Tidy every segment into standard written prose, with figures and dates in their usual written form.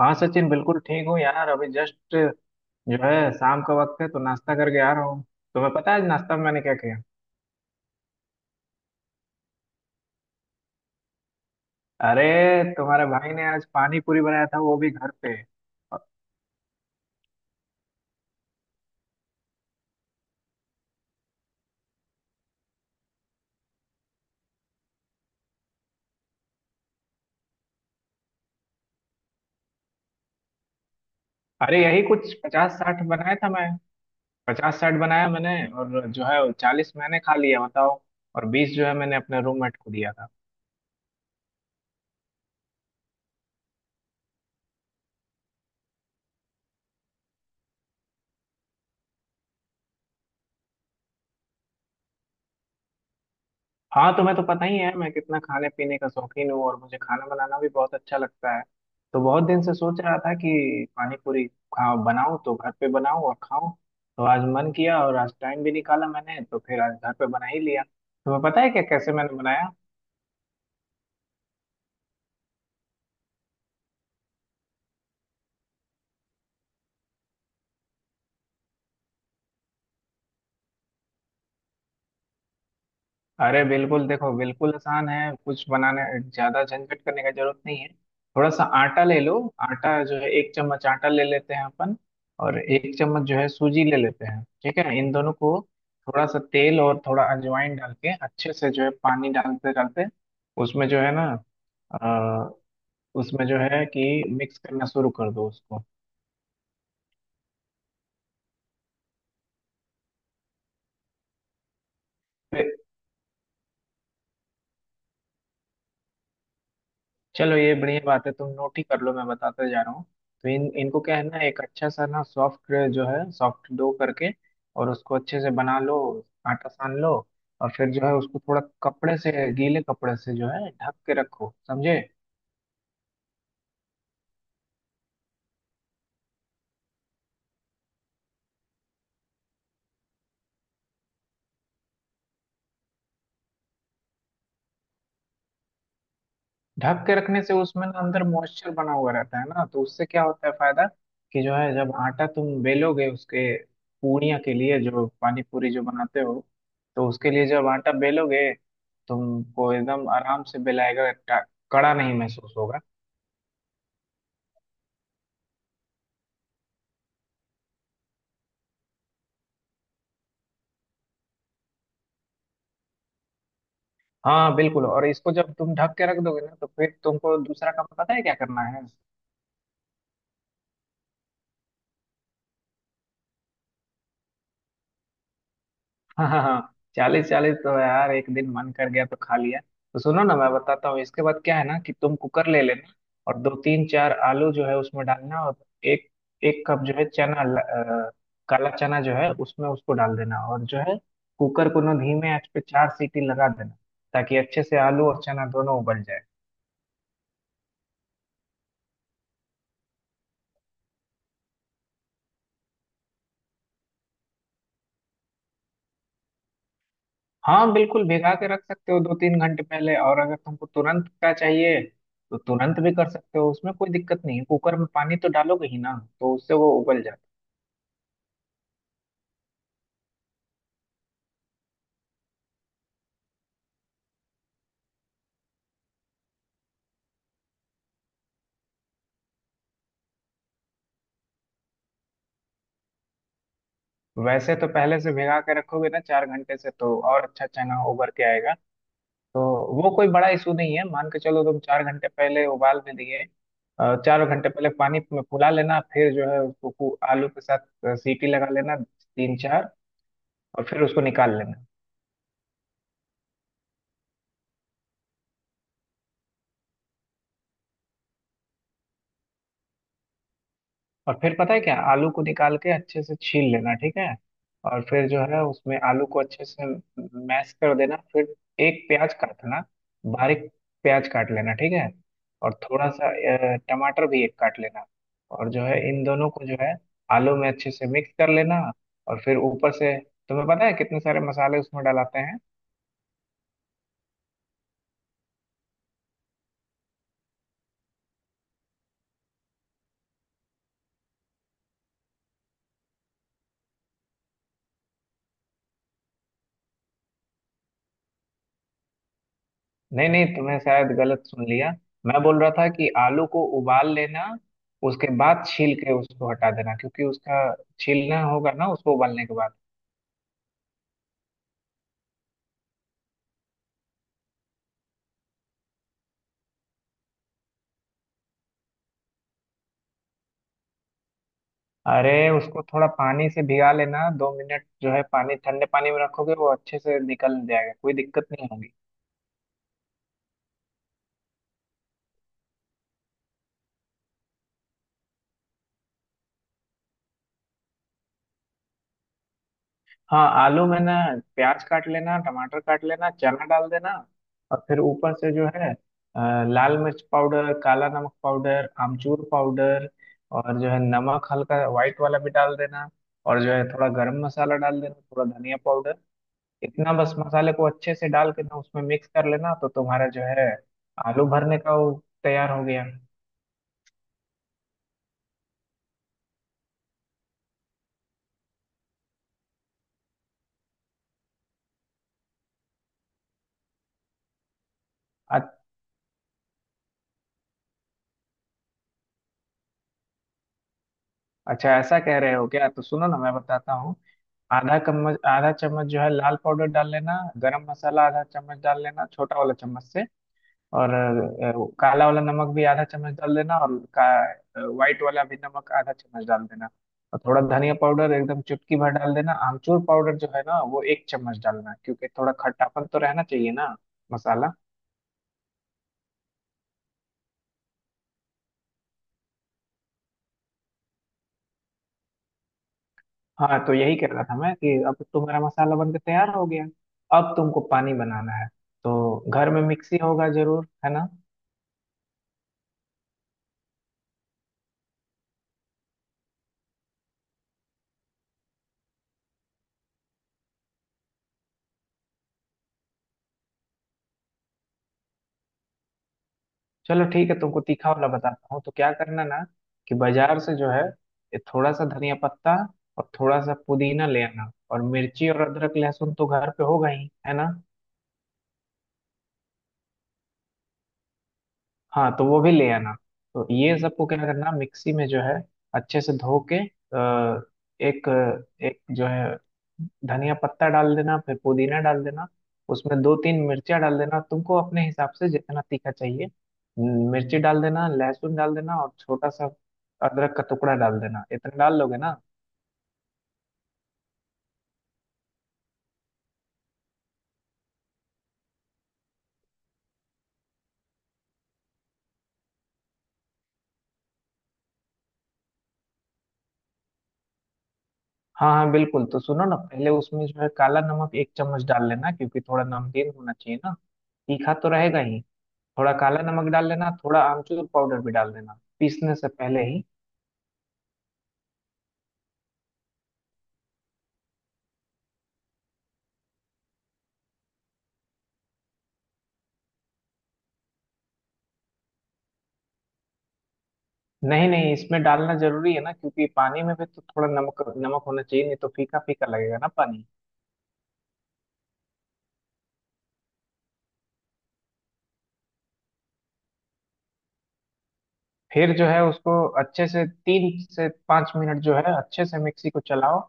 हाँ सचिन बिल्कुल ठीक हूँ यार, अभी जस्ट जो है शाम का वक्त है, तो नाश्ता करके आ रहा हूँ। तुम्हें पता है आज नाश्ता में मैंने क्या किया? अरे, तुम्हारे भाई ने आज पानी पूरी बनाया था, वो भी घर पे। अरे यही कुछ 50 60 बनाया था मैं। 50 60 बनाया मैंने। और जो है 40 मैंने खा लिया, बताओ। और 20 जो है मैंने अपने रूममेट को दिया था। हाँ, तुम्हें तो पता ही है मैं कितना खाने पीने का शौकीन हूँ, और मुझे खाना बनाना भी बहुत अच्छा लगता है। तो बहुत दिन से सोच रहा था कि पानी पूरी खा बनाऊं तो घर पे बनाऊं और खाऊं। तो आज मन किया और आज टाइम भी निकाला मैंने, तो फिर आज घर पे बना ही लिया। तुम्हें पता है क्या कैसे मैंने बनाया? अरे बिल्कुल, देखो बिल्कुल आसान है कुछ बनाने। ज्यादा झंझट करने का जरूरत नहीं है। थोड़ा सा आटा ले लो। आटा जो है 1 चम्मच आटा ले लेते हैं अपन। और 1 चम्मच जो है सूजी ले लेते हैं, ठीक है। इन दोनों को थोड़ा सा तेल और थोड़ा अजवाइन डाल के अच्छे से जो है पानी डालते डालते उसमें जो है ना, अ, उसमें जो है कि मिक्स करना शुरू कर दो उसको। चलो ये बढ़िया बात है, तुम नोट ही कर लो, मैं बताता जा रहा हूँ। तो इन इनको क्या है ना, एक अच्छा सा ना सॉफ्ट जो है, सॉफ्ट डो करके और उसको अच्छे से बना लो, आटा सान लो। और फिर जो है उसको थोड़ा कपड़े से, गीले कपड़े से जो है ढक के रखो, समझे। ढक के रखने से उसमें ना अंदर मॉइस्चर बना हुआ रहता है ना, तो उससे क्या होता है फायदा कि जो है, जब आटा तुम बेलोगे उसके पूड़ियाँ के लिए, जो पानी पूरी जो बनाते हो, तो उसके लिए जब आटा बेलोगे तुमको एकदम आराम से बेलाएगा, कड़ा नहीं महसूस होगा। हाँ बिल्कुल, और इसको जब तुम ढक के रख दोगे ना, तो फिर तुमको दूसरा काम पता है क्या करना है? हाँ हाँ हाँ। 40 40 तो यार, एक दिन मन कर गया तो खा लिया। तो सुनो ना, मैं बताता हूँ इसके बाद क्या है ना, कि तुम कुकर ले लेना। और दो तीन चार आलू जो है उसमें डालना। और एक 1 कप जो है काला चना जो है उसमें, उसको डाल देना। और जो है कुकर को ना धीमे आंच पे चार सीटी लगा देना, ताकि अच्छे से आलू और चना दोनों उबल जाए। हाँ बिल्कुल, भिगा के रख सकते हो 2 3 घंटे पहले। और अगर तुमको तुरंत का चाहिए, तो तुरंत भी कर सकते हो, उसमें कोई दिक्कत नहीं है। कुकर में पानी तो डालोगे ही ना, तो उससे वो उबल जाता है। वैसे तो पहले से भिगा के रखोगे ना 4 घंटे से, तो और अच्छा चना उबर के आएगा। तो वो कोई बड़ा इशू नहीं है, मान के चलो तुम 4 घंटे पहले उबाल भी दिए। चार घंटे पहले पानी में फुला लेना, फिर जो है उसको आलू के साथ सीटी लगा लेना तीन चार। और फिर उसको निकाल लेना। और फिर पता है क्या, आलू को निकाल के अच्छे से छील लेना, ठीक है। और फिर जो है उसमें आलू को अच्छे से मैश कर देना। फिर एक प्याज काटना बारीक, प्याज काट लेना, ठीक है। और थोड़ा सा टमाटर भी एक काट लेना। और जो है इन दोनों को जो है आलू में अच्छे से मिक्स कर लेना। और फिर ऊपर से तुम्हें पता है कितने सारे मसाले उसमें डलाते हैं। नहीं नहीं, तुमने शायद गलत सुन लिया। मैं बोल रहा था कि आलू को उबाल लेना, उसके बाद छील के उसको हटा देना, क्योंकि उसका छीलना होगा ना उसको उबालने के बाद। अरे उसको थोड़ा पानी से भिगा लेना 2 मिनट, जो है पानी, ठंडे पानी में रखोगे वो अच्छे से निकल जाएगा, कोई दिक्कत नहीं होगी। हाँ आलू में ना प्याज काट लेना, टमाटर काट लेना, चना डाल देना। और फिर ऊपर से जो है लाल मिर्च पाउडर, काला नमक पाउडर, आमचूर पाउडर। और जो है नमक हल्का व्हाइट वाला भी डाल देना। और जो है थोड़ा गरम मसाला डाल देना, थोड़ा धनिया पाउडर। इतना बस मसाले को अच्छे से डाल के ना उसमें मिक्स कर लेना, तो तुम्हारा जो है आलू भरने का वो तैयार हो गया। अच्छा, ऐसा कह रहे हो क्या? तो सुनो ना, मैं बताता हूँ। आधा चम्मच, आधा चम्मच जो है लाल पाउडर डाल लेना। गरम मसाला आधा चम्मच डाल लेना, छोटा वाला चम्मच से। और काला वाला नमक भी आधा चम्मच डाल देना, और का व्हाइट वाला भी नमक आधा चम्मच डाल देना। और थोड़ा धनिया पाउडर एकदम चुटकी भर डाल देना। आमचूर पाउडर जो है ना, वो 1 चम्मच डालना, क्योंकि थोड़ा खट्टापन तो रहना चाहिए ना मसाला। हाँ तो यही कह रहा था मैं, कि अब तुम्हारा मसाला बनकर तैयार हो गया। अब तुमको पानी बनाना है। तो घर में मिक्सी होगा जरूर, है ना। चलो ठीक है, तुमको तीखा वाला बताता हूँ। तो क्या करना ना, कि बाजार से जो है ये थोड़ा सा धनिया पत्ता और थोड़ा सा पुदीना ले आना। और मिर्ची और अदरक लहसुन तो घर पे होगा ही, है ना। हाँ तो वो भी ले आना। तो ये सबको क्या करना, मिक्सी में जो है अच्छे से धो के, एक एक जो है धनिया पत्ता डाल देना, फिर पुदीना डाल देना। उसमें दो तीन मिर्चियाँ डाल देना, तुमको अपने हिसाब से जितना तीखा चाहिए। मिर्ची डाल देना, लहसुन डाल देना, और छोटा सा अदरक का टुकड़ा डाल देना। इतना डाल लोगे ना। हाँ हाँ बिल्कुल, तो सुनो ना, पहले उसमें जो है काला नमक 1 चम्मच डाल लेना, क्योंकि थोड़ा नमकीन होना चाहिए ना। तीखा तो रहेगा ही, थोड़ा काला नमक डाल लेना, थोड़ा आमचूर पाउडर भी डाल देना पीसने से पहले ही। नहीं नहीं, इसमें डालना जरूरी है ना, क्योंकि पानी में भी तो थोड़ा नमक नमक होना चाहिए, नहीं तो फीका फीका लगेगा ना पानी। फिर जो है उसको अच्छे से 3 से 5 मिनट जो है अच्छे से मिक्सी को चलाओ,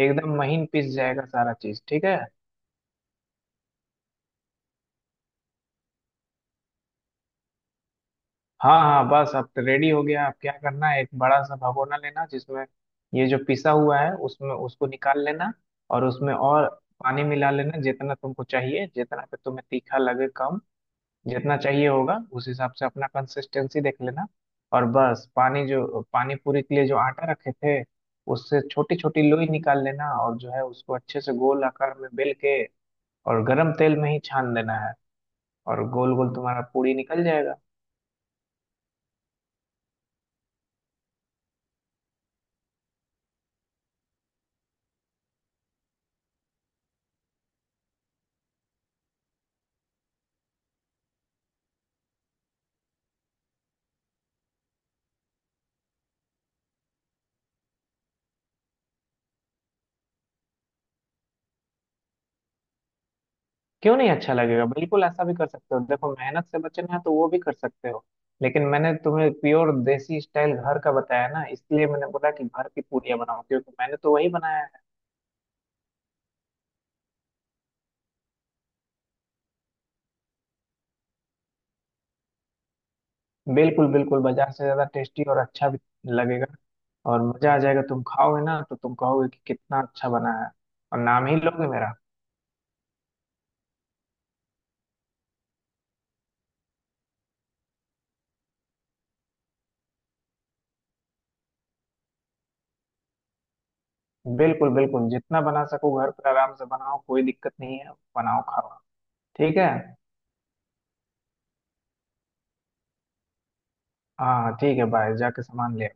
एकदम महीन पीस जाएगा सारा चीज, ठीक है। हाँ हाँ बस, अब तो रेडी हो गया। अब क्या करना है, एक बड़ा सा भगोना लेना, जिसमें ये जो पिसा हुआ है उसमें उसको निकाल लेना। और उसमें और पानी मिला लेना, जितना तुमको चाहिए, जितना पे तुम्हें तीखा लगे कम, जितना चाहिए होगा उस हिसाब से अपना कंसिस्टेंसी देख लेना। और बस पानी, जो पानी पूरी के लिए जो आटा रखे थे, उससे छोटी छोटी लोई निकाल लेना, और जो है उसको अच्छे से गोल आकार में बेल के और गरम तेल में ही छान देना है, और गोल गोल तुम्हारा पूरी निकल जाएगा। क्यों नहीं अच्छा लगेगा, बिल्कुल ऐसा भी कर सकते हो, देखो मेहनत से बचना है तो वो भी कर सकते हो। लेकिन मैंने तुम्हें प्योर देसी स्टाइल घर का बताया ना, इसलिए मैंने बोला कि घर की पूड़ियाँ बनाओ, क्योंकि मैंने तो वही बनाया है। बिल्कुल बिल्कुल, बाजार से ज्यादा टेस्टी और अच्छा भी लगेगा, और मजा आ जाएगा। तुम खाओगे ना तो तुम कहोगे कि कितना अच्छा बना है, और नाम ही लोगे मेरा। बिल्कुल बिल्कुल, जितना बना सको घर पर आराम से बनाओ, कोई दिक्कत नहीं है, बनाओ खाओ, ठीक है। हाँ ठीक है, बाय, जाके सामान ले।